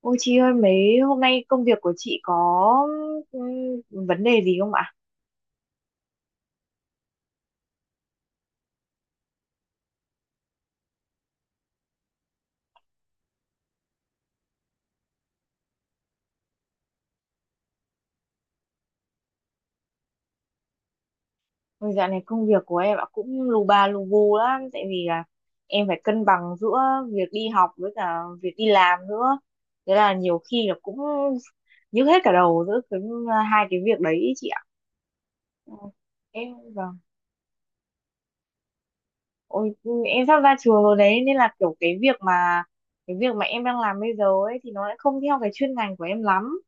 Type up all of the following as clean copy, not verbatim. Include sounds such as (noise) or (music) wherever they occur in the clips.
Ôi chị ơi, mấy hôm nay công việc của chị có ừm, vấn đề gì không ạ? Ôi, dạo này công việc của em ạ cũng lù bà lù bù lắm, tại vì là em phải cân bằng giữa việc đi học với cả việc đi làm nữa. Thế là nhiều khi là cũng nhức hết cả đầu giữa cái hai cái việc đấy ý chị ạ. Ừ, em vâng. Ôi, em sắp ra trường rồi đấy, nên là kiểu cái việc mà em đang làm bây giờ ấy thì nó lại không theo cái chuyên ngành của em lắm.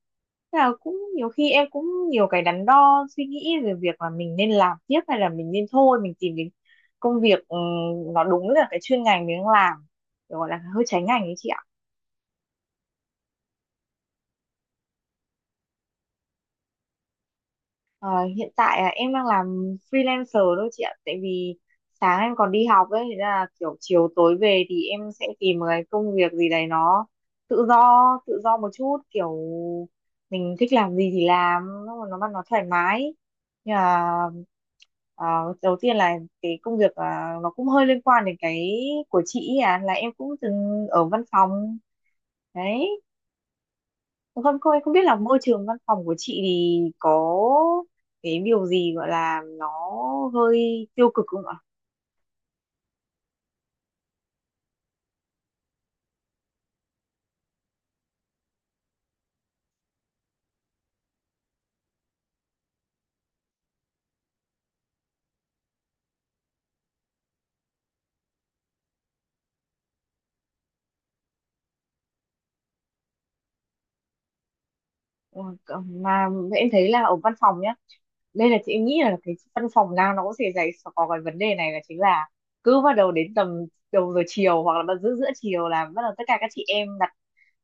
Thế là cũng nhiều khi em cũng nhiều cái đắn đo suy nghĩ về việc là mình nên làm tiếp hay là mình nên thôi, mình tìm đến công việc nó đúng là cái chuyên ngành mình đang làm, kiểu gọi là hơi trái ngành ấy chị ạ. Ờ, Hiện tại em đang làm freelancer thôi chị ạ, tại vì sáng em còn đi học ấy, thế là kiểu chiều tối về thì em sẽ tìm một cái công việc gì đấy nó tự do, tự do một chút, kiểu mình thích làm gì thì làm, nó thoải mái. Nhưng mà ờ, đầu tiên là cái công việc nó cũng hơi liên quan đến cái của chị ấy, là em cũng từng ở văn phòng đấy. Không, không, em không biết là môi trường văn phòng của chị thì có cái điều gì gọi là nó hơi tiêu cực không ạ? Ừ, mà em thấy là ở văn phòng nhá, đây là chị nghĩ là cái văn phòng nào nó cũng sẽ giải có cái vấn đề này, là chính là cứ bắt đầu đến tầm đầu giờ chiều, hoặc là bắt giữa giữa chiều là bắt đầu tất cả các chị em đặt,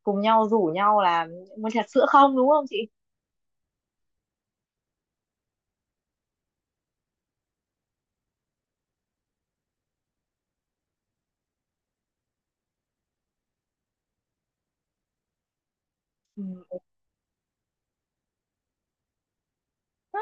cùng nhau rủ nhau là muốn trà sữa không, đúng không chị? Ừ, đó.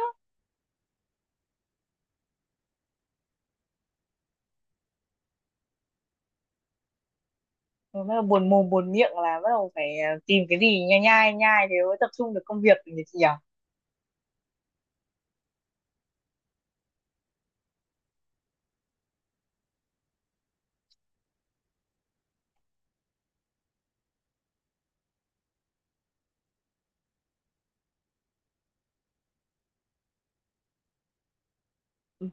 Rồi bắt đầu buồn mồm buồn miệng là bắt đầu phải tìm cái gì nhai nhai nhai, thế mới tập trung được công việc nhỉ, chị nhỉ? Ừ.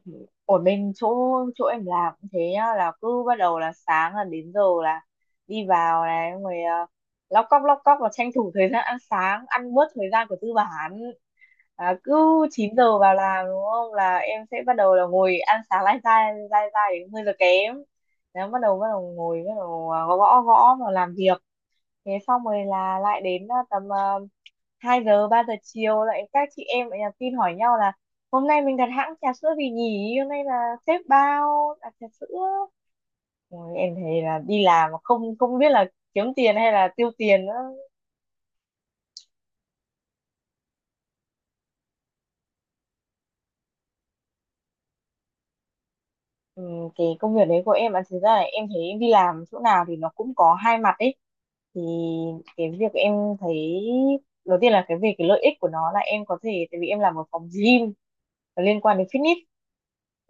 Ở bên chỗ chỗ em làm cũng thế nhá, là cứ bắt đầu là sáng là đến giờ là đi vào này, xong rồi uh, lóc cóc và tranh thủ thời gian ăn sáng, ăn bớt thời gian của tư bản, cứ 9 giờ vào làm đúng không, là em sẽ bắt đầu là ngồi ăn sáng lai dai đến 10 giờ kém. Đấy, bắt đầu ngồi, bắt đầu gõ gõ gõ và làm việc. Thế xong rồi là lại đến tầm uh, 2 giờ, 3 giờ chiều, lại các chị em lại nhắn tin hỏi nhau là hôm nay mình đặt hãng trà sữa gì nhỉ, hôm nay là sếp bao đặt trà sữa. Ôi, em thấy là đi làm mà không không biết là kiếm tiền hay là tiêu tiền nữa. Ừ, cái công việc đấy của em là, thực ra là em thấy em đi làm chỗ nào thì nó cũng có 2 mặt ấy. Thì cái việc em thấy đầu tiên là cái về cái lợi ích của nó, là em có thể, tại vì em làm ở phòng gym liên quan đến fitness,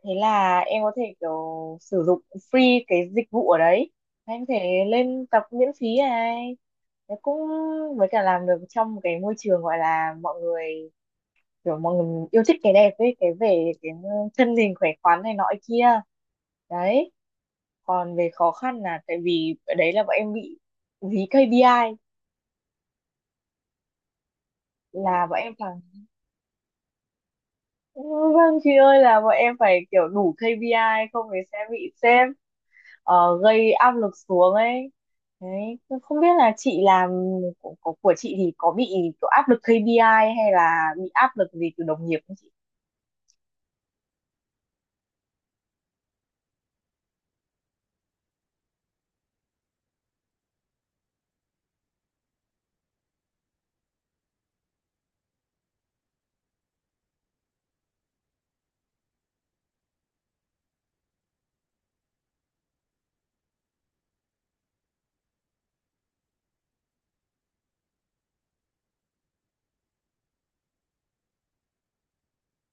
thế là em có thể kiểu sử dụng free cái dịch vụ ở đấy, em có thể lên tập miễn phí này. Thế cũng với cả làm được trong một cái môi trường gọi là mọi người, kiểu mọi người yêu thích cái đẹp ấy, cái về cái thân hình khỏe khoắn này nọ kia đấy. Còn về khó khăn là tại vì ở đấy là bọn em bị dí KPI, là bọn em phải. Ừ, vâng chị ơi, là bọn em phải kiểu đủ KPI, không thì sẽ bị sếp gây áp lực xuống ấy. Đấy, tôi không biết là chị làm của chị thì có bị kiểu áp lực KPI hay là bị áp lực gì từ đồng nghiệp không chị?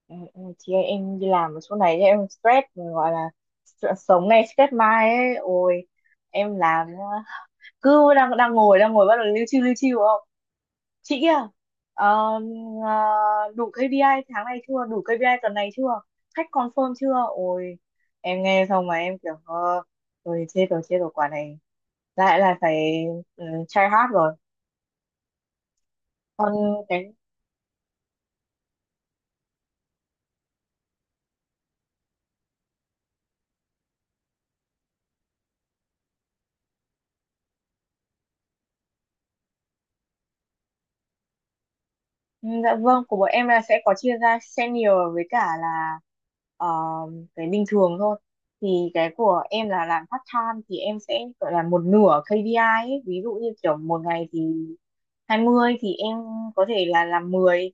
Ừ, ừ, chị ơi, em đi làm ở chỗ này em stress gọi là stress sống này, stress mai ấy. Ôi, em làm cứ đang đang ngồi đang ngồi, bắt đầu lưu chiêu chị kia, ờ, đủ KPI tháng này chưa, đủ KPI tuần này chưa, khách confirm chưa. Ôi, em nghe xong mà em kiểu rồi chết rồi, chết rồi quả này, lại là phải try hard rồi. Còn cái, ừ, dạ vâng, của bọn em là sẽ có chia ra senior với cả là ờ, cái bình thường thôi. Thì cái của em là làm part time thì em sẽ gọi là một nửa KPI ấy. Ví dụ như kiểu một ngày thì 20 thì em có thể là làm 10.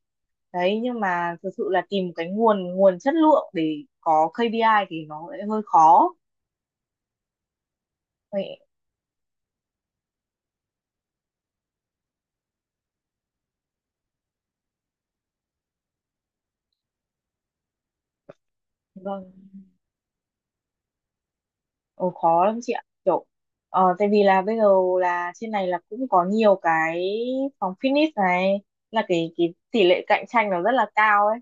Đấy, nhưng mà thực sự là tìm cái nguồn nguồn chất lượng để có KPI thì nó lại hơi khó. Vậy, vâng. Ồ, khó lắm chị ạ, kiểu tại vì là bây giờ là trên này là cũng có nhiều cái phòng fitness này, là cái tỷ lệ cạnh tranh nó rất là cao ấy.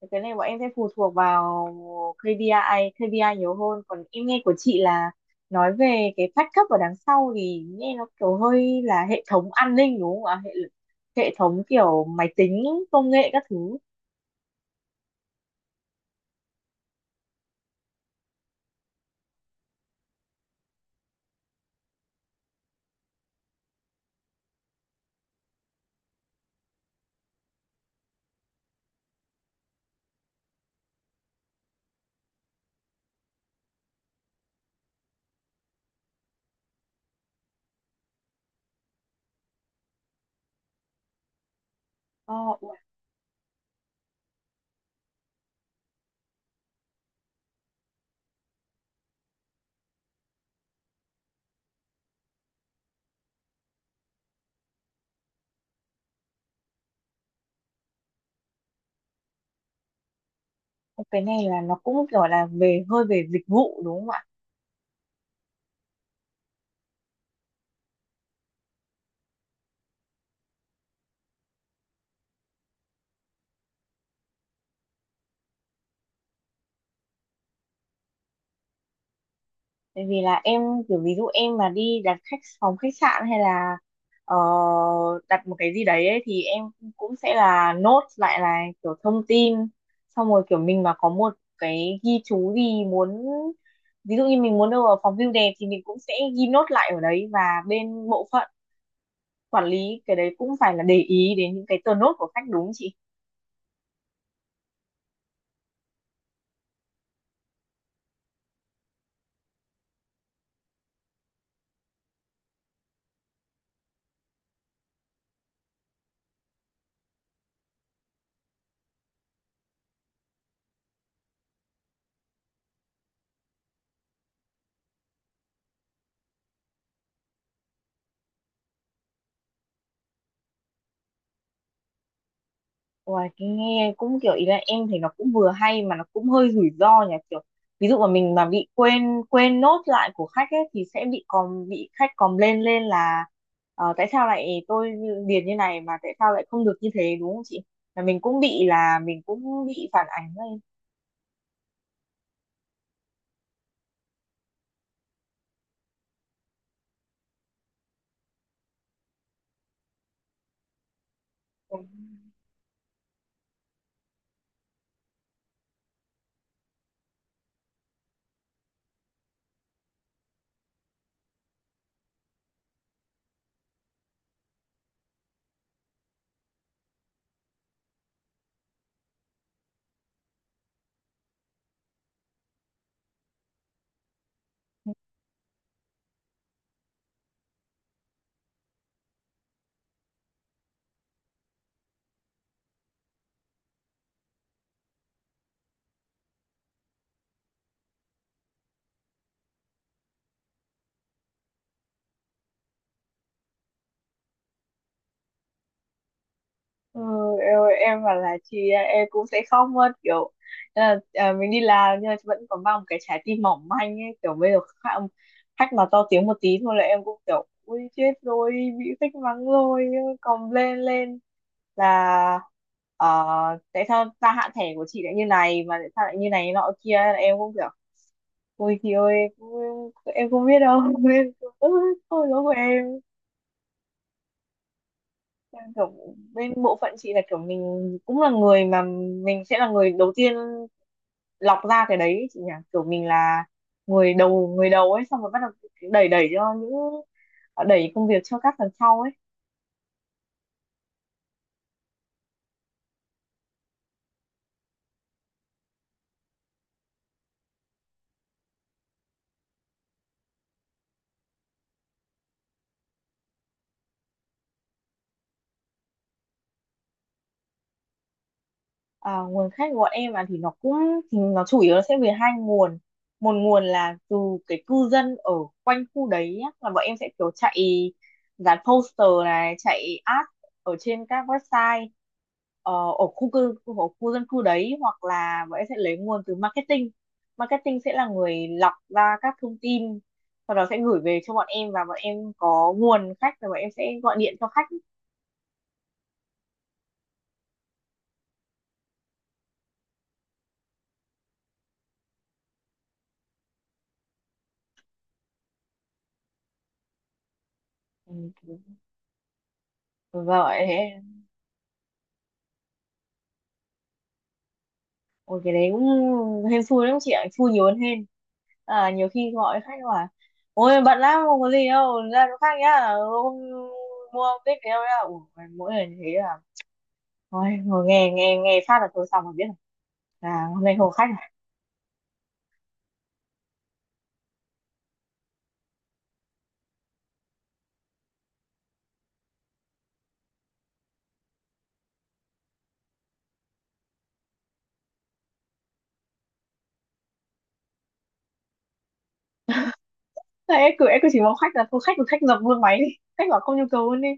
Thì cái này bọn em sẽ phụ thuộc vào KPI, KPI nhiều hơn. Còn em nghe của chị là nói về cái phát cấp ở đằng sau, thì nghe nó kiểu hơi là hệ thống an ninh đúng không ạ, hệ hệ thống kiểu máy tính, công nghệ các thứ. Ờ, Ủa, cái này là nó cũng kiểu là về hơi về dịch vụ đúng không ạ? Tại vì là em kiểu, ví dụ em mà đi đặt khách phòng khách sạn hay là ờ, đặt một cái gì đấy ấy, thì em cũng sẽ là nốt lại là kiểu thông tin, xong rồi kiểu mình mà có một cái ghi chú gì muốn, ví dụ như mình muốn đâu ở phòng view đẹp thì mình cũng sẽ ghi nốt lại ở đấy, và bên bộ phận quản lý cái đấy cũng phải là để ý đến những cái tờ nốt của khách, đúng không chị? Uầy, cái nghe cũng kiểu ý là em thấy nó cũng vừa hay mà nó cũng hơi rủi ro nhỉ. Kiểu ví dụ mà mình mà bị quên quên nốt lại của khách ấy thì sẽ bị khách còm lên lên là tại sao lại điền như này, mà tại sao lại không được như thế, đúng không chị? Là mình cũng bị, là mình cũng bị phản ánh lên. Ừ, em, em bảo là chị à, em cũng sẽ khóc mất, kiểu mình đi làm nhưng mà vẫn còn mang một cái trái tim mỏng manh ấy. Kiểu bây giờ khách mà to tiếng một tí thôi là em cũng kiểu ui chết rồi, bị khách mắng rồi. Còn lên lên là ờ, tại sao gia hạn thẻ của chị lại như này, mà tại sao lại như này nọ kia, là em cũng kiểu ui chị ơi, em không biết đâu. (laughs) "Ơ, thôi lỗi của em." Đang kiểu bên bộ phận chị là kiểu mình cũng là người mà, mình sẽ là người đầu tiên lọc ra cái đấy ấy chị nhỉ. Kiểu mình là người đầu ấy, xong rồi bắt đầu đẩy đẩy, cho những đẩy công việc cho các phần sau ấy. À, nguồn khách của bọn em à, thì nó chủ yếu là sẽ về 2 nguồn. Một nguồn là từ cái cư dân ở quanh khu đấy á, là bọn em sẽ kiểu chạy dán poster này, chạy ad ở trên các website ờ, ở khu dân cư đấy. Hoặc là bọn em sẽ lấy nguồn từ marketing marketing sẽ là người lọc ra các thông tin, sau đó sẽ gửi về cho bọn em và bọn em có nguồn khách, rồi bọn em sẽ gọi điện cho khách. Ừ, rồi. Ôi cái đấy cũng hên xui lắm chị ạ, xui nhiều hơn hên. À, nhiều khi gọi khách hỏi, ôi bận lắm không có gì đâu, ra chỗ khác nhá, không mua không thích thì đâu nhá. Ủa, mỗi lần như thế là, ôi, ngồi nghe nghe nghe phát là thôi xong rồi biết rồi. À, hôm nay không có khách à? Thế em cứ chỉ mong khách là thôi khách thì khách dập luôn máy đi, khách bảo không nhu cầu luôn đi.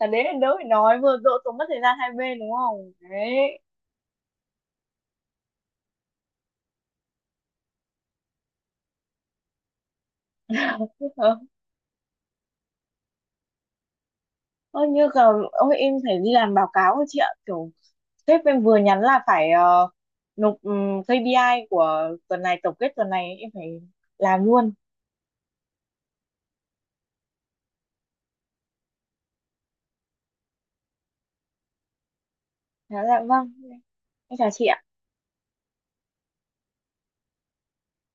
Là đến đến đâu phải nói vừa độ, tốn mất thời gian 2 bên đúng không? Đấy. Ờ, Ơ, như là, ôi em phải đi làm báo cáo rồi chị ạ, kiểu sếp em vừa nhắn là phải nộp KPI của tuần này, tổng kết tuần này em phải làm luôn. Dạ là vâng, em chào chị ạ.